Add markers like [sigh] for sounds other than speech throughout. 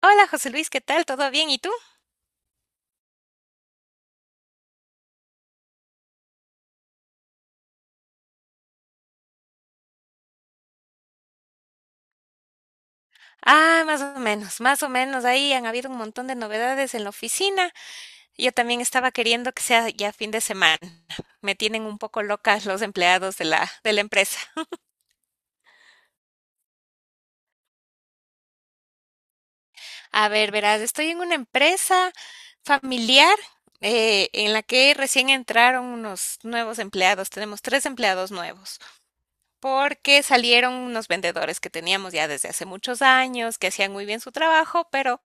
Hola José Luis, ¿qué tal? ¿Todo bien? ¿Y tú? Ah, más o menos, más o menos. Ahí han habido un montón de novedades en la oficina. Yo también estaba queriendo que sea ya fin de semana. Me tienen un poco locas los empleados de la empresa. A ver, verás, estoy en una empresa familiar en la que recién entraron unos nuevos empleados. Tenemos tres empleados nuevos porque salieron unos vendedores que teníamos ya desde hace muchos años, que hacían muy bien su trabajo, pero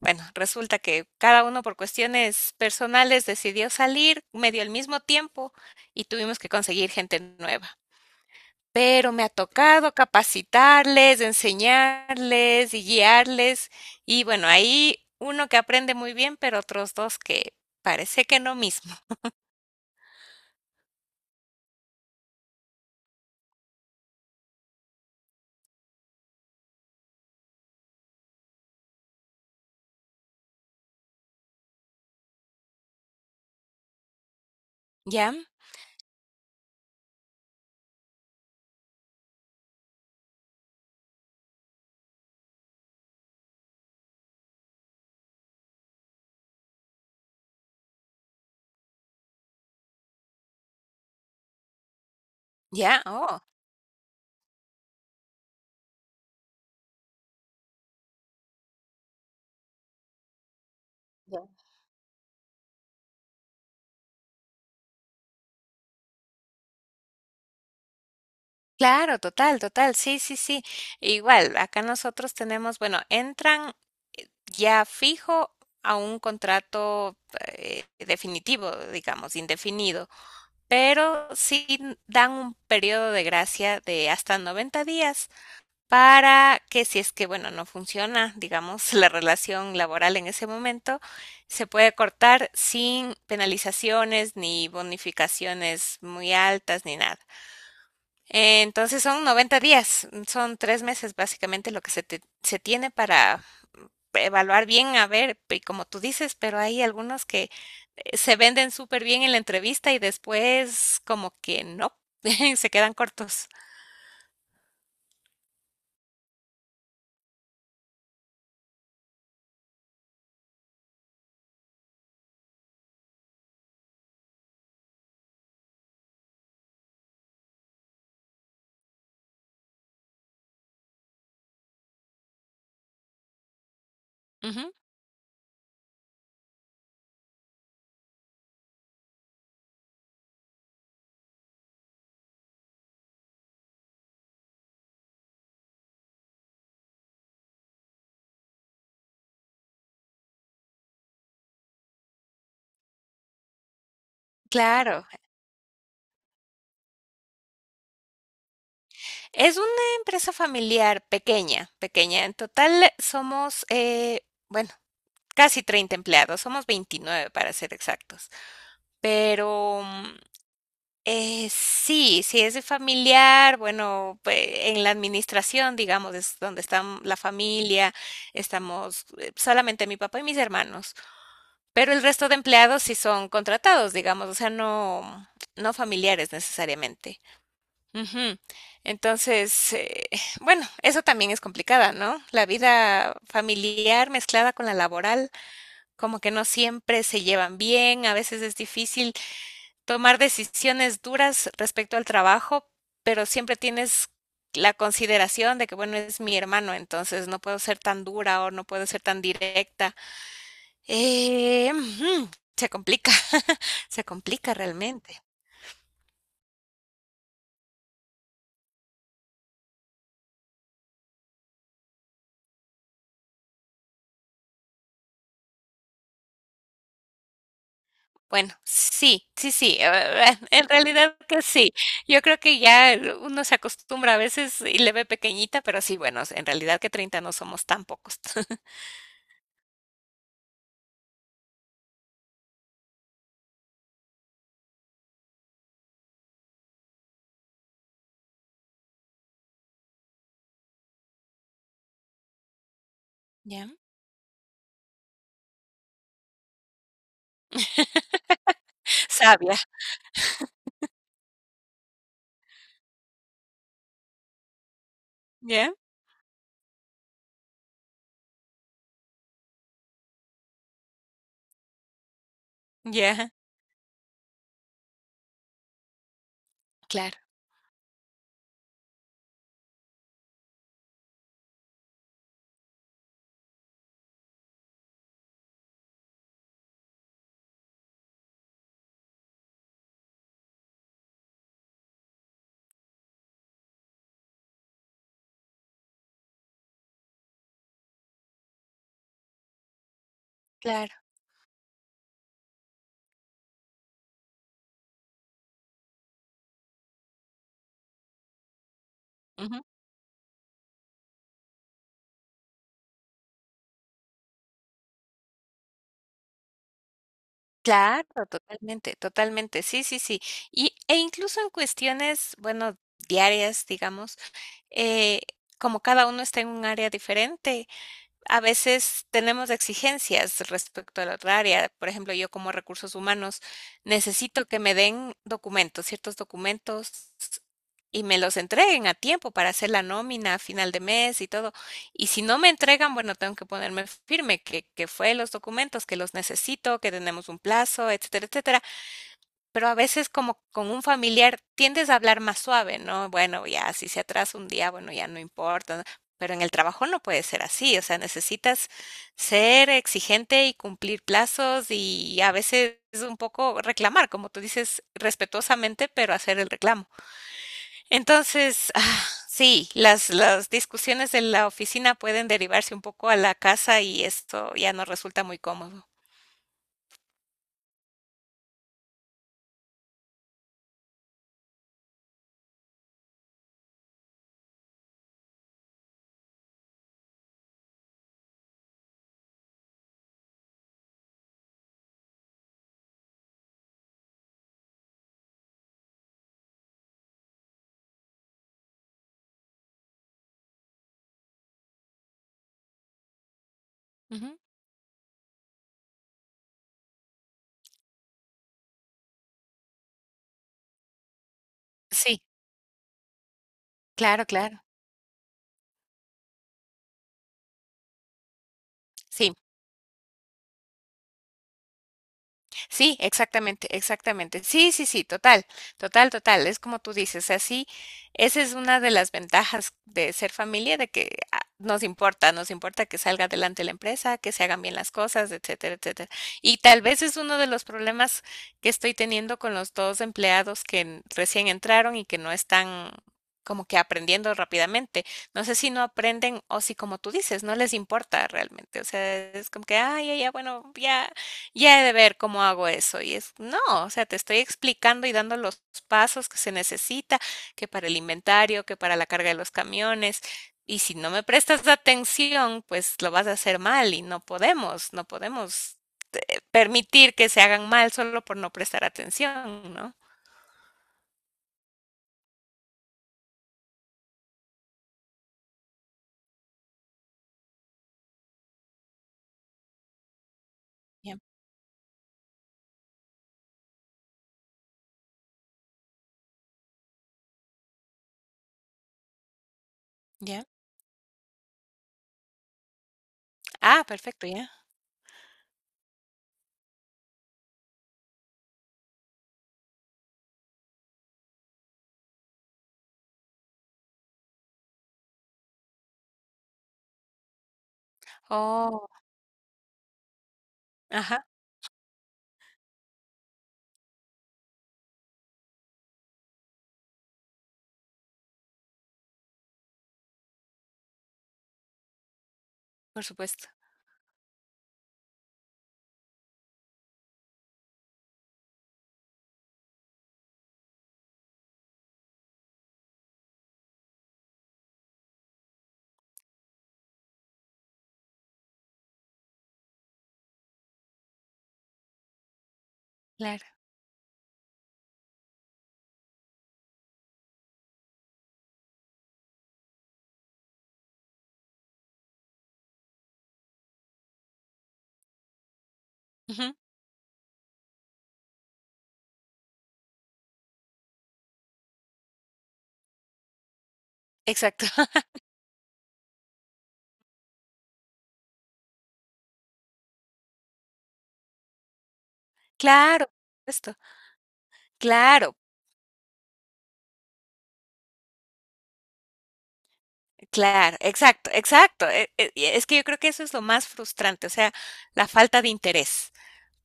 bueno, resulta que cada uno por cuestiones personales decidió salir medio al mismo tiempo y tuvimos que conseguir gente nueva. Pero me ha tocado capacitarles, enseñarles y guiarles. Y bueno, ahí uno que aprende muy bien, pero otros dos que parece que no mismo. ¿Ya? ¿Ya? Oh. Ya. Claro, total, total, sí, sí, sí. Igual, acá nosotros tenemos, bueno, entran ya fijo a un contrato definitivo, digamos, indefinido, pero sí dan un periodo de gracia de hasta 90 días para que si es que, bueno, no funciona, digamos, [laughs] la relación laboral en ese momento, se puede cortar sin penalizaciones ni bonificaciones muy altas ni nada. Entonces son 90 días, son 3 meses básicamente lo que se tiene para evaluar bien, a ver, y como tú dices, pero hay algunos que se venden súper bien en la entrevista y después como que no, [laughs] se quedan cortos. Ujú. Claro, es una empresa familiar pequeña, pequeña. En total somos, bueno, casi 30 empleados, somos 29 para ser exactos, pero sí, si es de familiar, bueno, pe- en la administración, digamos, es donde está la familia, estamos solamente mi papá y mis hermanos, pero el resto de empleados sí son contratados, digamos, o sea, no, no familiares necesariamente. Ujú. Entonces, [laughs] [sighs] bueno, eso también es complicada, ¿no? La vida familiar mezclada con la laboral, como que no siempre se llevan bien, a veces es difícil tomar decisiones duras respecto al trabajo, pero siempre tienes la consideración de que, bueno, es mi hermano, entonces no puedo ser tan dura o no puedo ser tan directa. Eh, mm, se complica, [laughs] se complica realmente. Bueno, sí, sí, sí, [laughs] en realidad que sí. Yo creo que ya uno se acostumbra a veces y le ve pequeñita, pero sí, bueno, en realidad que 30 no somos tan pocos. [laughs] Ya. Sabia, ya, ya. Claro, claro. Claro, totalmente, totalmente. Sí, sí, sí. Y, e incluso en cuestiones, bueno, diarias, digamos, eh, como cada uno está en un área diferente, a veces tenemos exigencias respecto a la otra área. Por ejemplo, yo como recursos humanos necesito que me den documentos, ciertos documentos y me los entreguen a tiempo para hacer la nómina a final de mes y todo. Y si no me entregan, bueno, tengo que ponerme firme que fue los documentos, que los necesito, que tenemos un plazo, etcétera, etcétera, pero a veces como con un familiar tiendes a hablar más suave, ¿no? Bueno, ya si se atrasa un día, bueno, ya no importa, ¿no? Pero en el trabajo no puede ser así, o sea, necesitas ser exigente y cumplir plazos y a veces un poco reclamar, como tú dices, respetuosamente, pero hacer el reclamo. Entonces, ah, sí, las discusiones de la oficina pueden derivarse un poco a la casa y esto ya no resulta muy cómodo. Ujú. Sí, claro, claro. Sí. Sí, exactamente, exactamente. Sí, sí, sí, total, total, total. Es como tú dices, así, esa es una de las ventajas de ser familia, de que ah, nos importa que salga adelante la empresa, que se hagan bien las cosas, etcétera, etcétera. Y tal vez es uno de los problemas que estoy teniendo con los dos empleados que en- recién entraron y que no están como que aprendiendo rápidamente. No sé si no aprenden o si, como tú dices, no les importa realmente. O sea, es como que, ay, ya, ya, bueno, ya ya he de ver cómo hago eso. Y es, no, o sea, te estoy explicando y dando los pasos que se necesita, que para el inventario, que para la carga de los camiones. Y si no me prestas atención, pues lo vas a hacer mal y no podemos permitir que se hagan mal solo por no prestar atención, ¿no? Ya, ya. Ah, perfecto, ya. Oh, ajá, por supuesto. Claro. Ujú. Exacto. [laughs] Claro, por supuesto. Claro, claro, exacto, exacto. E- e- y es que yo creo que eso es lo más frustrante, o sea, la falta de interés,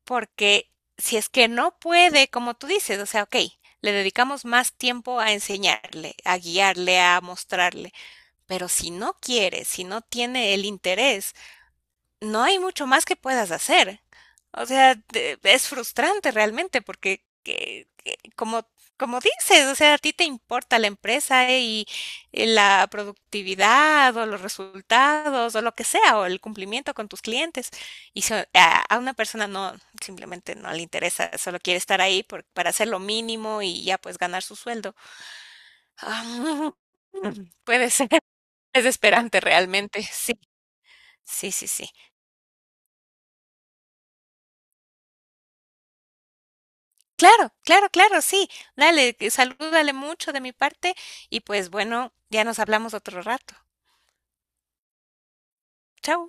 porque si es que no puede, como tú dices, o sea, ok, le dedicamos más tiempo a enseñarle, a guiarle, a mostrarle, pero si no quiere, si no tiene el interés, no hay mucho más que puedas hacer. O sea, te- es frustrante realmente porque, que- como, como dices, o sea, a ti te importa la empresa y la productividad o los resultados o lo que sea, o el cumplimiento con tus clientes. Y so- a una persona no, simplemente no le interesa, solo quiere estar ahí por- para hacer lo mínimo y ya pues ganar su sueldo. Ah, [laughs] puede ser [laughs] desesperante realmente, sí, sí, sí, sí. Claro, claro, claro, sí. Dale, que salúdale mucho de mi parte y, pues, bueno, ya nos hablamos otro rato. Chao.